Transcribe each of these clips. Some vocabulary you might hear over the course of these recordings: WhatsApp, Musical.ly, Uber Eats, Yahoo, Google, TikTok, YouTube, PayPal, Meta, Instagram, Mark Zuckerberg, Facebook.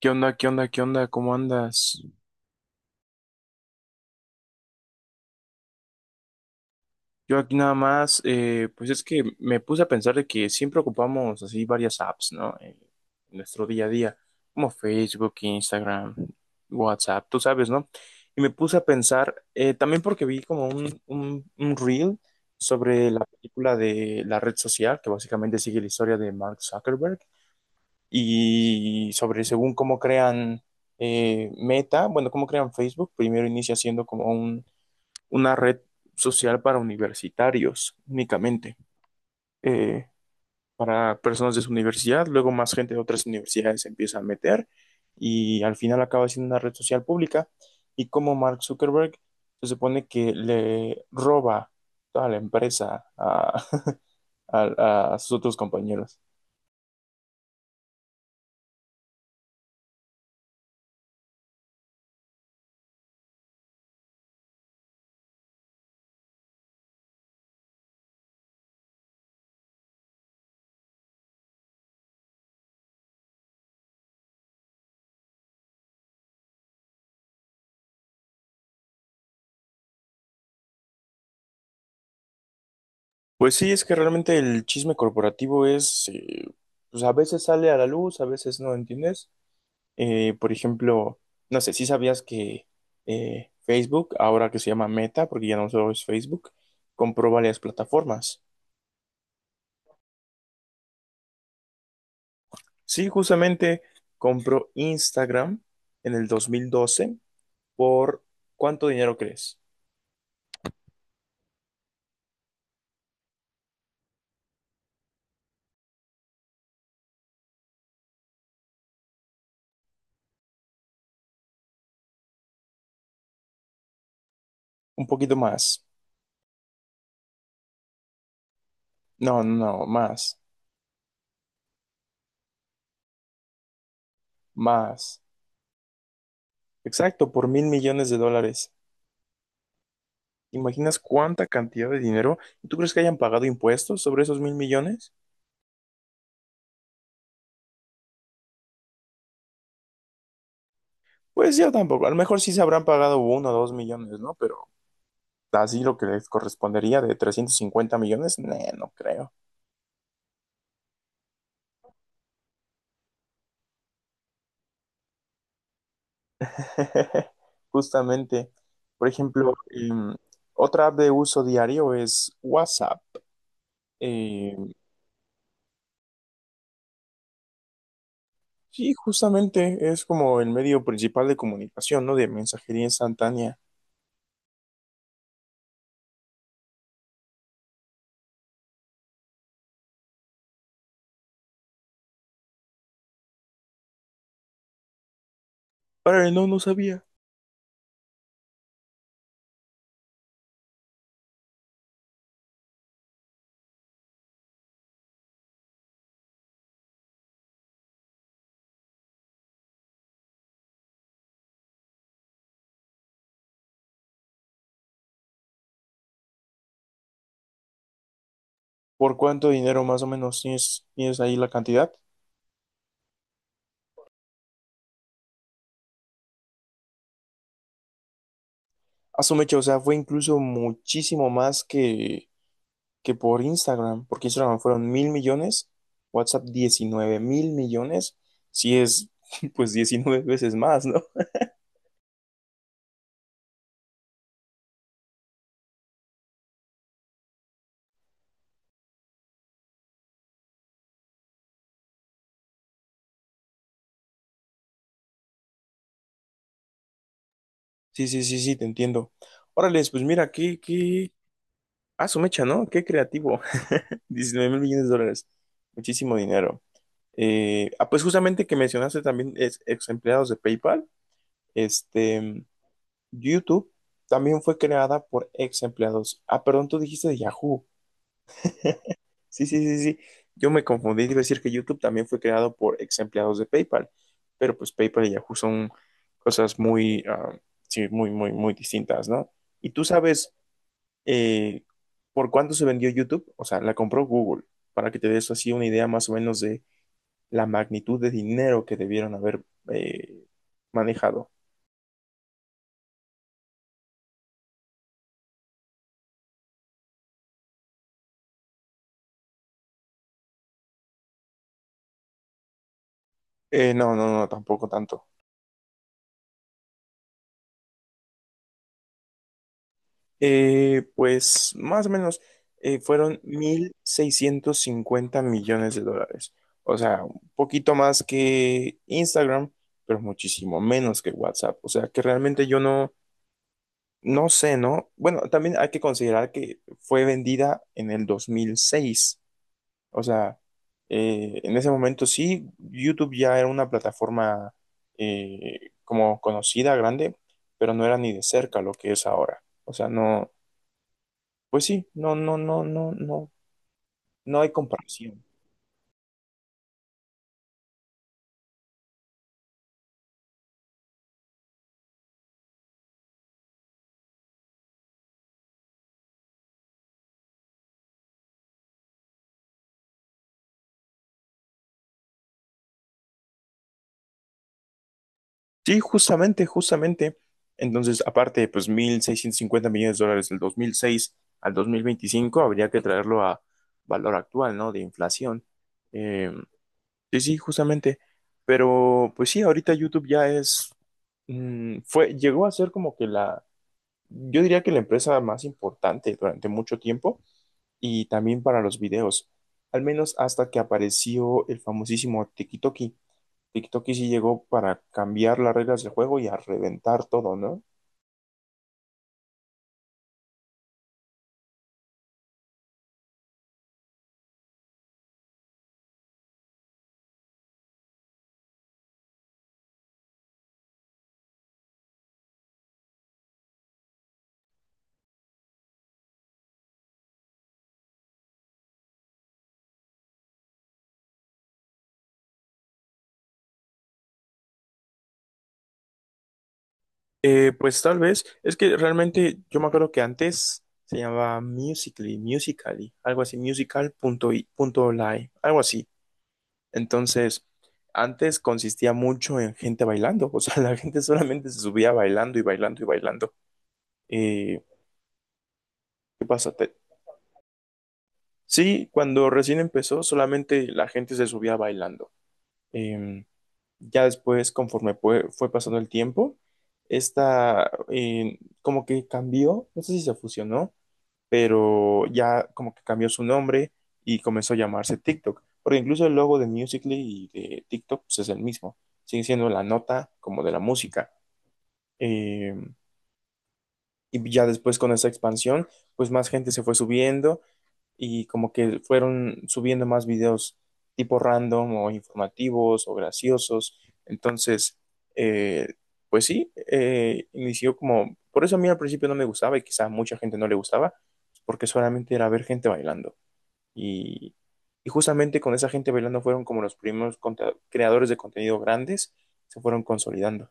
¿Qué onda? ¿Qué onda? ¿Qué onda? ¿Cómo andas? Yo aquí nada más, pues es que me puse a pensar de que siempre ocupamos así varias apps, ¿no? En nuestro día a día, como Facebook, Instagram, WhatsApp, tú sabes, ¿no? Y me puse a pensar, también porque vi como un reel sobre la película de la red social, que básicamente sigue la historia de Mark Zuckerberg, y sobre según cómo crean Meta, bueno, cómo crean Facebook. Primero inicia siendo como un una red social para universitarios únicamente, eh, para personas de su universidad, luego más gente de otras universidades se empieza a meter y al final acaba siendo una red social pública, y como Mark Zuckerberg se supone que le roba toda la empresa a, a sus otros compañeros. Pues sí, es que realmente el chisme corporativo es, pues a veces sale a la luz, a veces no, ¿entiendes? Por ejemplo, no sé, si sabías que Facebook, ahora que se llama Meta, porque ya no solo es Facebook, compró varias plataformas. Sí, justamente compró Instagram en el 2012, por ¿cuánto dinero crees? Un poquito más. No, no, no, más, más. Exacto, por mil millones de dólares. ¿Te ¿Imaginas cuánta cantidad de dinero? ¿Tú crees que hayan pagado impuestos sobre esos mil millones? Pues yo tampoco. A lo mejor sí se habrán pagado uno o dos millones, ¿no? Pero así lo que les correspondería de 350 millones, nee, no creo. Justamente, por ejemplo, otra app de uso diario es WhatsApp. Eh, sí, justamente es como el medio principal de comunicación, ¿no? De mensajería instantánea. Pero no, no sabía. ¿Por cuánto dinero más o menos tienes ahí la cantidad? A su o sea, fue incluso muchísimo más que por Instagram, porque Instagram fueron mil millones, WhatsApp 19 mil millones, si es pues 19 veces más, ¿no? Sí, sí, sí, sí, te entiendo. Órales, pues mira, qué, ah, su mecha, ¿no? Qué creativo, 19 mil millones de dólares, muchísimo dinero. Ah, pues justamente, que mencionaste, también es ex empleados de PayPal, este, YouTube también fue creada por ex empleados. Ah, perdón, tú dijiste de Yahoo. Sí, sí, sí, sí. Yo me confundí, iba a decir que YouTube también fue creado por ex empleados de PayPal, pero pues PayPal y Yahoo son cosas muy, ah, sí, muy, muy, muy distintas, ¿no? Y tú sabes eh, por cuánto se vendió YouTube, o sea, la compró Google, para que te des así una idea más o menos de la magnitud de dinero que debieron haber eh, manejado. No, no, no, tampoco tanto. Pues más o menos fueron 1.650 millones de dólares. O sea, un poquito más que Instagram, pero muchísimo menos que WhatsApp. O sea, que realmente yo no, no sé, ¿no? Bueno, también hay que considerar que fue vendida en el dos mil seis. O sea, en ese momento sí, YouTube ya era una plataforma como conocida, grande, pero no era ni de cerca lo que es ahora. O sea, no. Pues sí, no, no, no, no, no, no hay comparación. Sí, justamente, justamente. Entonces, aparte, pues 1.650 millones de dólares del 2006 al 2025 habría que traerlo a valor actual, ¿no? De inflación. Eh, sí, sí, justamente. Pero, pues sí, ahorita YouTube ya es, fue, llegó a ser como que la, yo diría que la empresa más importante durante mucho tiempo y también para los videos, al menos hasta que apareció el famosísimo TikTok. TikTok y sí llegó para cambiar las reglas del juego y a reventar todo, ¿no? Pues tal vez, es que realmente yo me acuerdo que antes se llamaba Musical.ly, algo así, musical.ly, algo así. Entonces, antes consistía mucho en gente bailando, o sea, la gente solamente se subía bailando y bailando y bailando. Eh, ¿Qué pasa? Sí, cuando recién empezó, solamente la gente se subía bailando. Eh, Ya después, conforme fue pasando el tiempo, esta como que cambió, no sé si se fusionó, pero ya como que cambió su nombre y comenzó a llamarse TikTok, porque incluso el logo de Musical.ly y de TikTok pues, es el mismo, sigue siendo la nota como de la música. Eh, y ya después, con esa expansión, pues más gente se fue subiendo y como que fueron subiendo más videos tipo random o informativos o graciosos. Entonces, eh, pues sí, inició como, por eso a mí al principio no me gustaba y quizá a mucha gente no le gustaba, porque solamente era ver gente bailando. Y, y justamente, con esa gente bailando, fueron como los primeros creadores de contenido grandes, se fueron consolidando.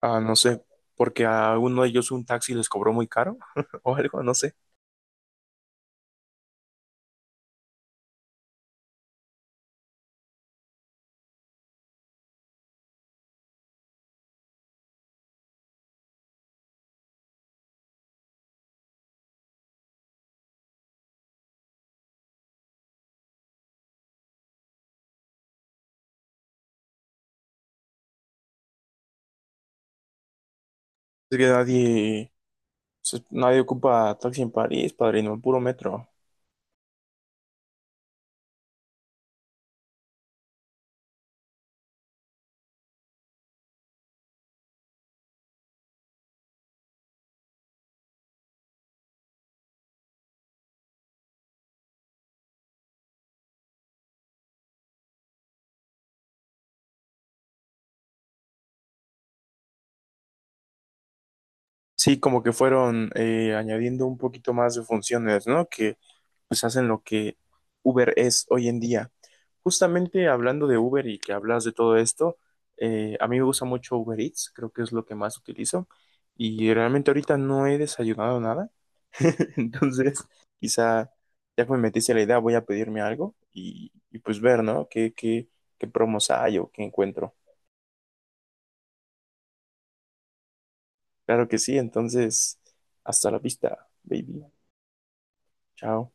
Ah, no sé, porque a uno de ellos un taxi les cobró muy caro o algo, no sé. Es que nadie. Nadie ocupa taxi en París, padrino, puro metro. Sí, como que fueron añadiendo un poquito más de funciones, ¿no? Que pues hacen lo que Uber es hoy en día. Justamente, hablando de Uber y que hablas de todo esto, a mí me gusta mucho Uber Eats, creo que es lo que más utilizo. Y realmente ahorita no he desayunado nada, entonces quizá ya que me metiste la idea, voy a pedirme algo y pues ver, ¿no? ¿Qué promos hay o qué encuentro? Claro que sí, entonces, hasta la vista, baby. Chao.